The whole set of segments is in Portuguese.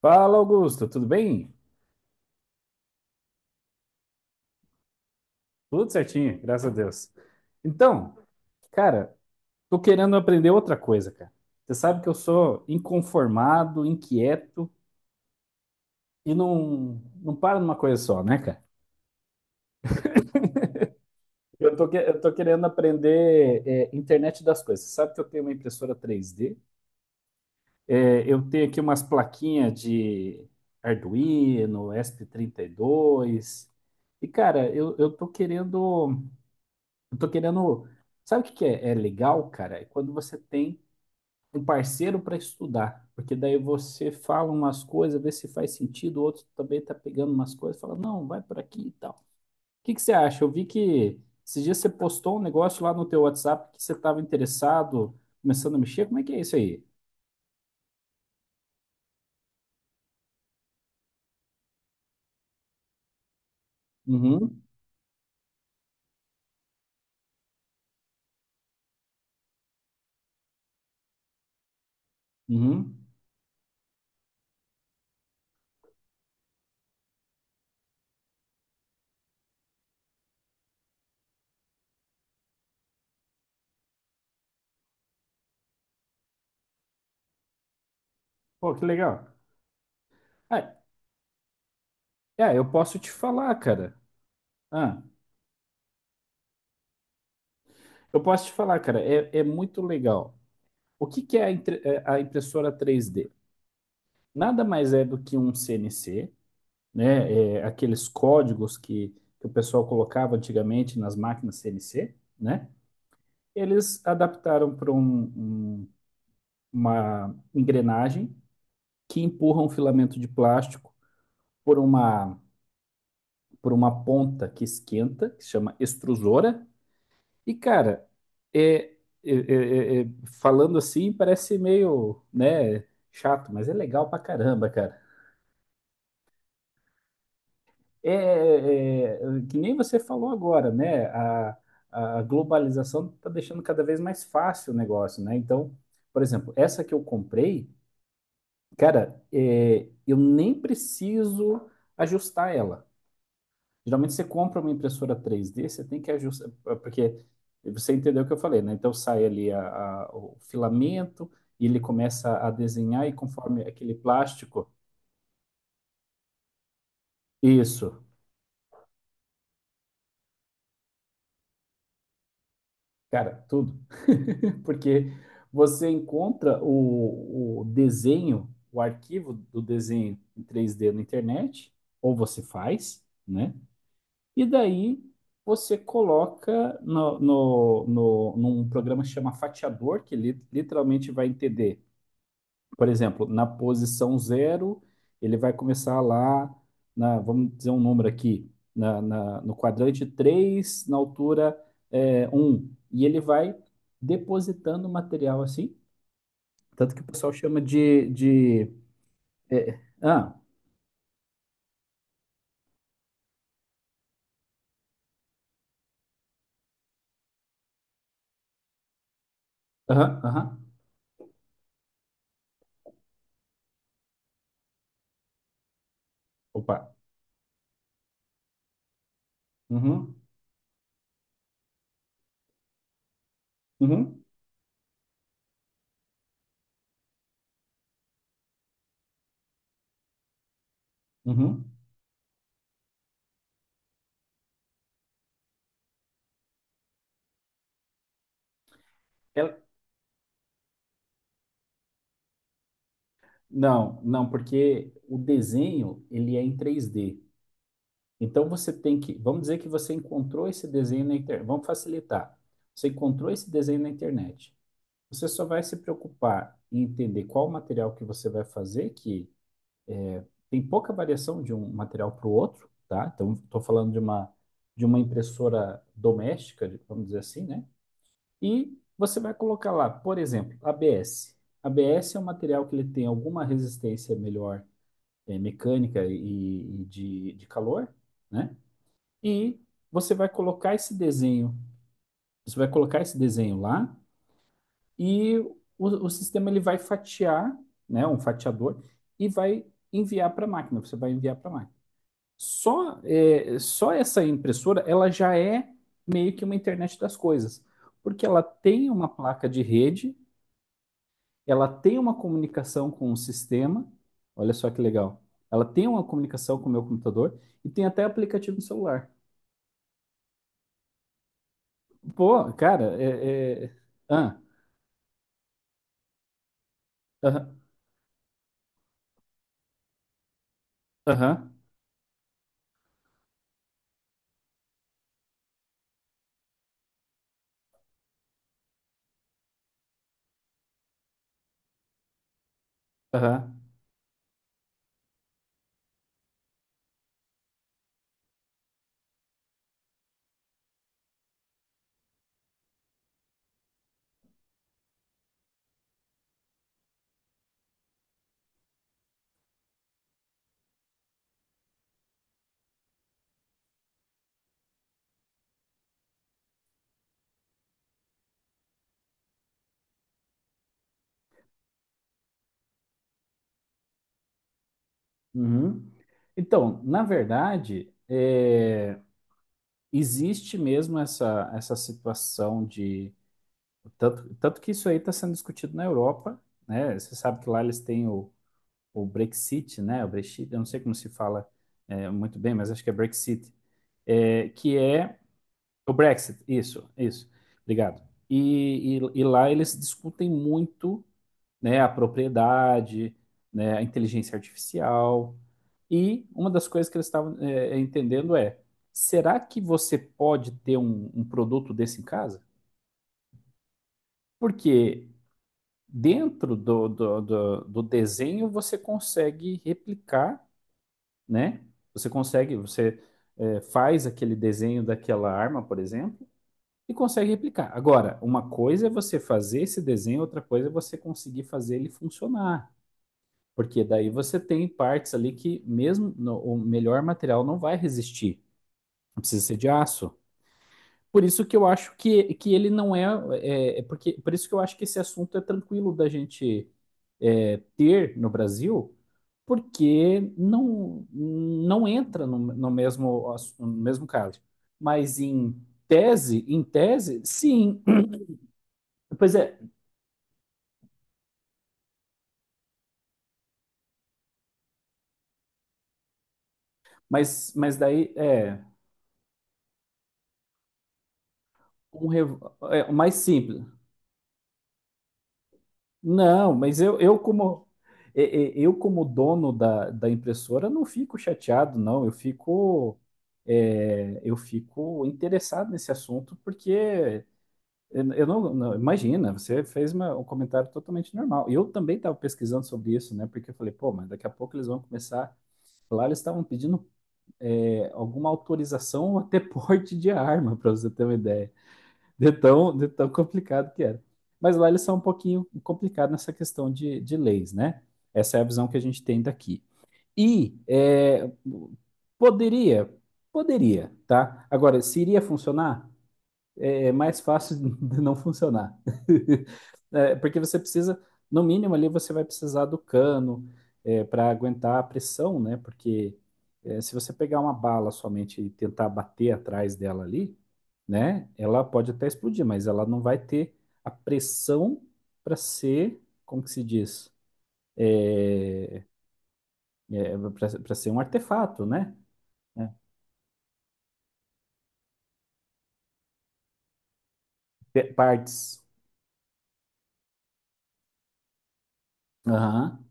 Fala, Augusto, tudo bem? Tudo certinho, graças a Deus. Então, cara, tô querendo aprender outra coisa, cara. Você sabe que eu sou inconformado, inquieto e não paro numa coisa só, né, cara? Eu tô querendo aprender internet das coisas. Você sabe que eu tenho uma impressora três d. É, eu tenho aqui umas plaquinhas de Arduino, ESP32. Eu tô querendo. Eu tô querendo. Sabe o que que é, é legal, cara? É quando você tem um parceiro para estudar. Porque daí você fala umas coisas, vê se faz sentido, o outro também tá pegando umas coisas, fala, não, vai por aqui e tal. O que que você acha? Eu vi que esses dias você postou um negócio lá no teu WhatsApp que você estava interessado, começando a mexer. Como é que é isso aí? Uhum, uhum. Pô, que legal. Ah, eu posso te falar, cara. Ah, eu posso te falar, cara. É, é muito legal. O que que é a, entre- é a impressora três d nada mais é do que um CNC, né? É, aqueles códigos que o pessoal colocava antigamente nas máquinas CNC, né? Eles adaptaram para uma engrenagem que empurra um filamento de plástico por uma, por uma ponta que esquenta, que se chama extrusora. E, cara, é, é- é- é- é- Falando assim, parece meio, né, chato, mas é legal pra caramba, cara. É, é, é, que nem você falou agora, né? A globalização está deixando cada vez mais fácil o negócio, né? Então, por exemplo, essa que eu comprei, cara, eu nem preciso ajustar ela. Geralmente você compra uma impressora 3D, você tem que ajustar, é, porque você entendeu o que eu falei, né? Então sai ali o filamento e ele começa a desenhar e conforme aquele plástico. Isso. Cara, tudo. Porque você encontra o desenho, o arquivo do desenho em 3D na internet, ou você faz, né? E daí você coloca no, no, no, num programa que chama Fatiador, que literalmente vai entender por exemplo, na posição zero, ele vai começar lá, na, vamos dizer um número aqui, na, na- no quadrante 3 na altura 1. E ele vai depositando material assim, tanto que o pessoal chama de é, é, ah, aham, opa, uhum, uhum, uhum. Ela- não, porque o desenho, ele é em três d. Então você tem que, vamos dizer que você encontrou esse desenho na internet, vamos facilitar. Você encontrou esse desenho na internet. Você só vai se preocupar em entender qual material que você vai fazer, que tem pouca variação de um material para o outro, tá? Então estou falando de uma impressora doméstica, vamos dizer assim, né? E você vai colocar lá, por exemplo, ABS. ABS é um material que ele tem alguma resistência melhor mecânica e de calor, né? E você vai colocar esse desenho, você vai colocar esse desenho lá e o sistema ele vai fatiar, né, um fatiador e vai enviar para a máquina. Você vai enviar para a máquina. Só essa impressora, ela já é meio que uma internet das coisas, porque ela tem uma placa de rede, ela tem uma comunicação com o sistema. Olha só que legal. Ela tem uma comunicação com o meu computador e tem até aplicativo no celular. Pô, cara, Ah. Aham, aham, aham, uhum. Então, na verdade, existe mesmo essa situação de. Tanto que isso aí está sendo discutido na Europa, né? Você sabe que lá eles têm o Brexit, né? O Brexit, eu não sei como se fala muito bem, mas acho que é Brexit, é, que é o Brexit, isso, obrigado. E lá eles discutem muito, né, a propriedade, né, a inteligência artificial. E uma das coisas que eles estavam entendendo é: será que você pode ter um produto desse em casa? Porque dentro do desenho você consegue replicar, né? Você consegue, você faz aquele desenho daquela arma, por exemplo, e consegue replicar. Agora, uma coisa é você fazer esse desenho, outra coisa é você conseguir fazer ele funcionar. Porque daí você tem partes ali que mesmo no- o melhor material não vai resistir. Não precisa ser de aço. Por isso que eu acho que ele não é, é, é porque Por isso que eu acho que esse assunto é tranquilo da gente ter no Brasil, porque não não entra no mesmo no mesmo caso. Mas em tese, sim. Pois é, mas daí é um é, o mais simples. Não, mas eu como e- e- eu como dono da impressora não fico chateado, não. Eu fico eu fico interessado nesse assunto porque eu não, não- imagina, você fez um comentário totalmente normal. Eu também estava pesquisando sobre isso, né? Porque eu falei, pô, mas daqui a pouco eles vão começar. Lá eles estavam pedindo alguma autorização ou até porte de arma, para você ter uma ideia. De tão complicado que era. Mas lá eles são um pouquinho complicados nessa questão de leis, né? Essa é a visão que a gente tem daqui. E é, poderia, poderia, tá? Agora, se iria funcionar? É mais fácil de não funcionar. É, porque você precisa, no mínimo ali, você vai precisar do cano para aguentar a pressão, né? Porque se você pegar uma bala somente e tentar bater atrás dela ali, né? Ela pode até explodir, mas ela não vai ter a pressão para ser, como que se diz? É, para ser um artefato, né? É. Pe- Partes. Aham.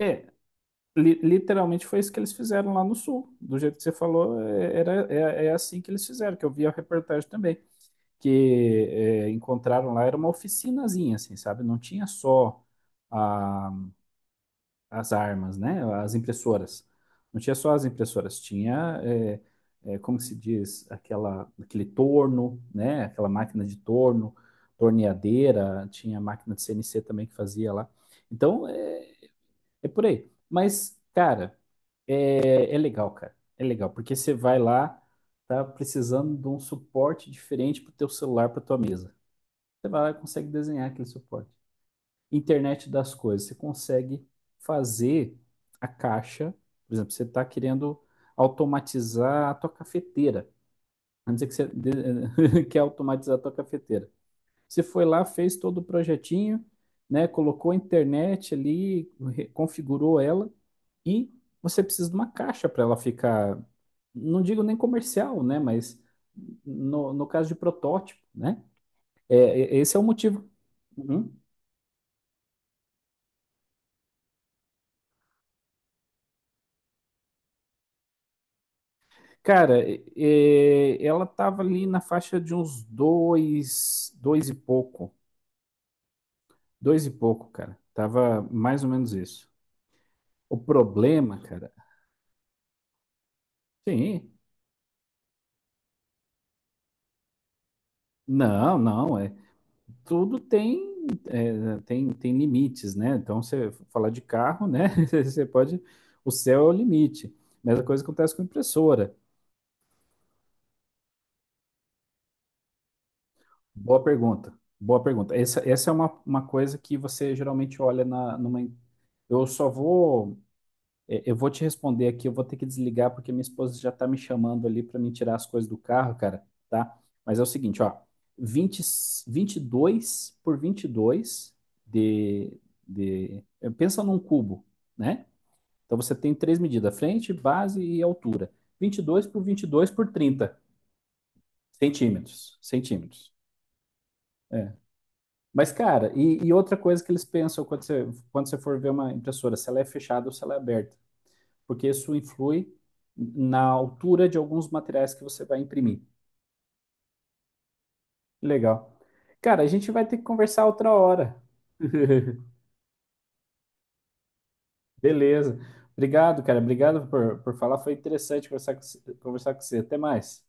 É, literalmente foi isso que eles fizeram lá no sul. Do jeito que você falou, é assim que eles fizeram, que eu vi a reportagem também. Que encontraram lá, era uma oficinazinha, assim, sabe? Não tinha só a, as armas, né? As impressoras. Não tinha só as impressoras, tinha, como se diz, aquele torno, né? Aquela máquina de torno, torneadeira, tinha máquina de CNC também que fazia lá. Então, é, é por aí. Mas, cara. É, é legal, cara. É legal, porque você vai lá, tá precisando de um suporte diferente para o teu celular, para tua mesa. Você vai lá e consegue desenhar aquele suporte. Internet das coisas, você consegue fazer a caixa, por exemplo, você está querendo automatizar a tua cafeteira. Vamos dizer que quer automatizar a tua cafeteira. Você foi lá, fez todo o projetinho, né? Colocou a internet ali, re- configurou ela e você precisa de uma caixa para ela ficar, não digo nem comercial, né? Mas no caso de protótipo, né? É, esse é o motivo. Uhum. Ela tava ali na faixa de uns dois, dois e pouco, cara. Tava mais ou menos isso. O problema, cara, sim. Não, não. é. Tudo tem, tem limites, né? Então, você falar de carro, né? Você pode. O céu é o limite. Mesma coisa acontece com impressora. Boa pergunta. Boa pergunta. Essa é uma coisa que você geralmente olha na, numa. Eu só vou É, eu vou te responder aqui, eu vou ter que desligar porque minha esposa já está me chamando ali para me tirar as coisas do carro, cara, tá? Mas é o seguinte, ó, vinte, 22 por 22 de, pensa num cubo, né? Então você tem três medidas, frente, base e altura. Vinte e dois por vinte e dois por 30 centímetros, centímetros. É. Mas, cara, e outra coisa que eles pensam quando você for ver uma impressora, se ela é fechada ou se ela é aberta, porque isso influi na altura de alguns materiais que você vai imprimir. Legal. Cara, a gente vai ter que conversar outra hora. Beleza. Obrigado, cara. Obrigado por falar. Foi interessante conversar com você. Até mais.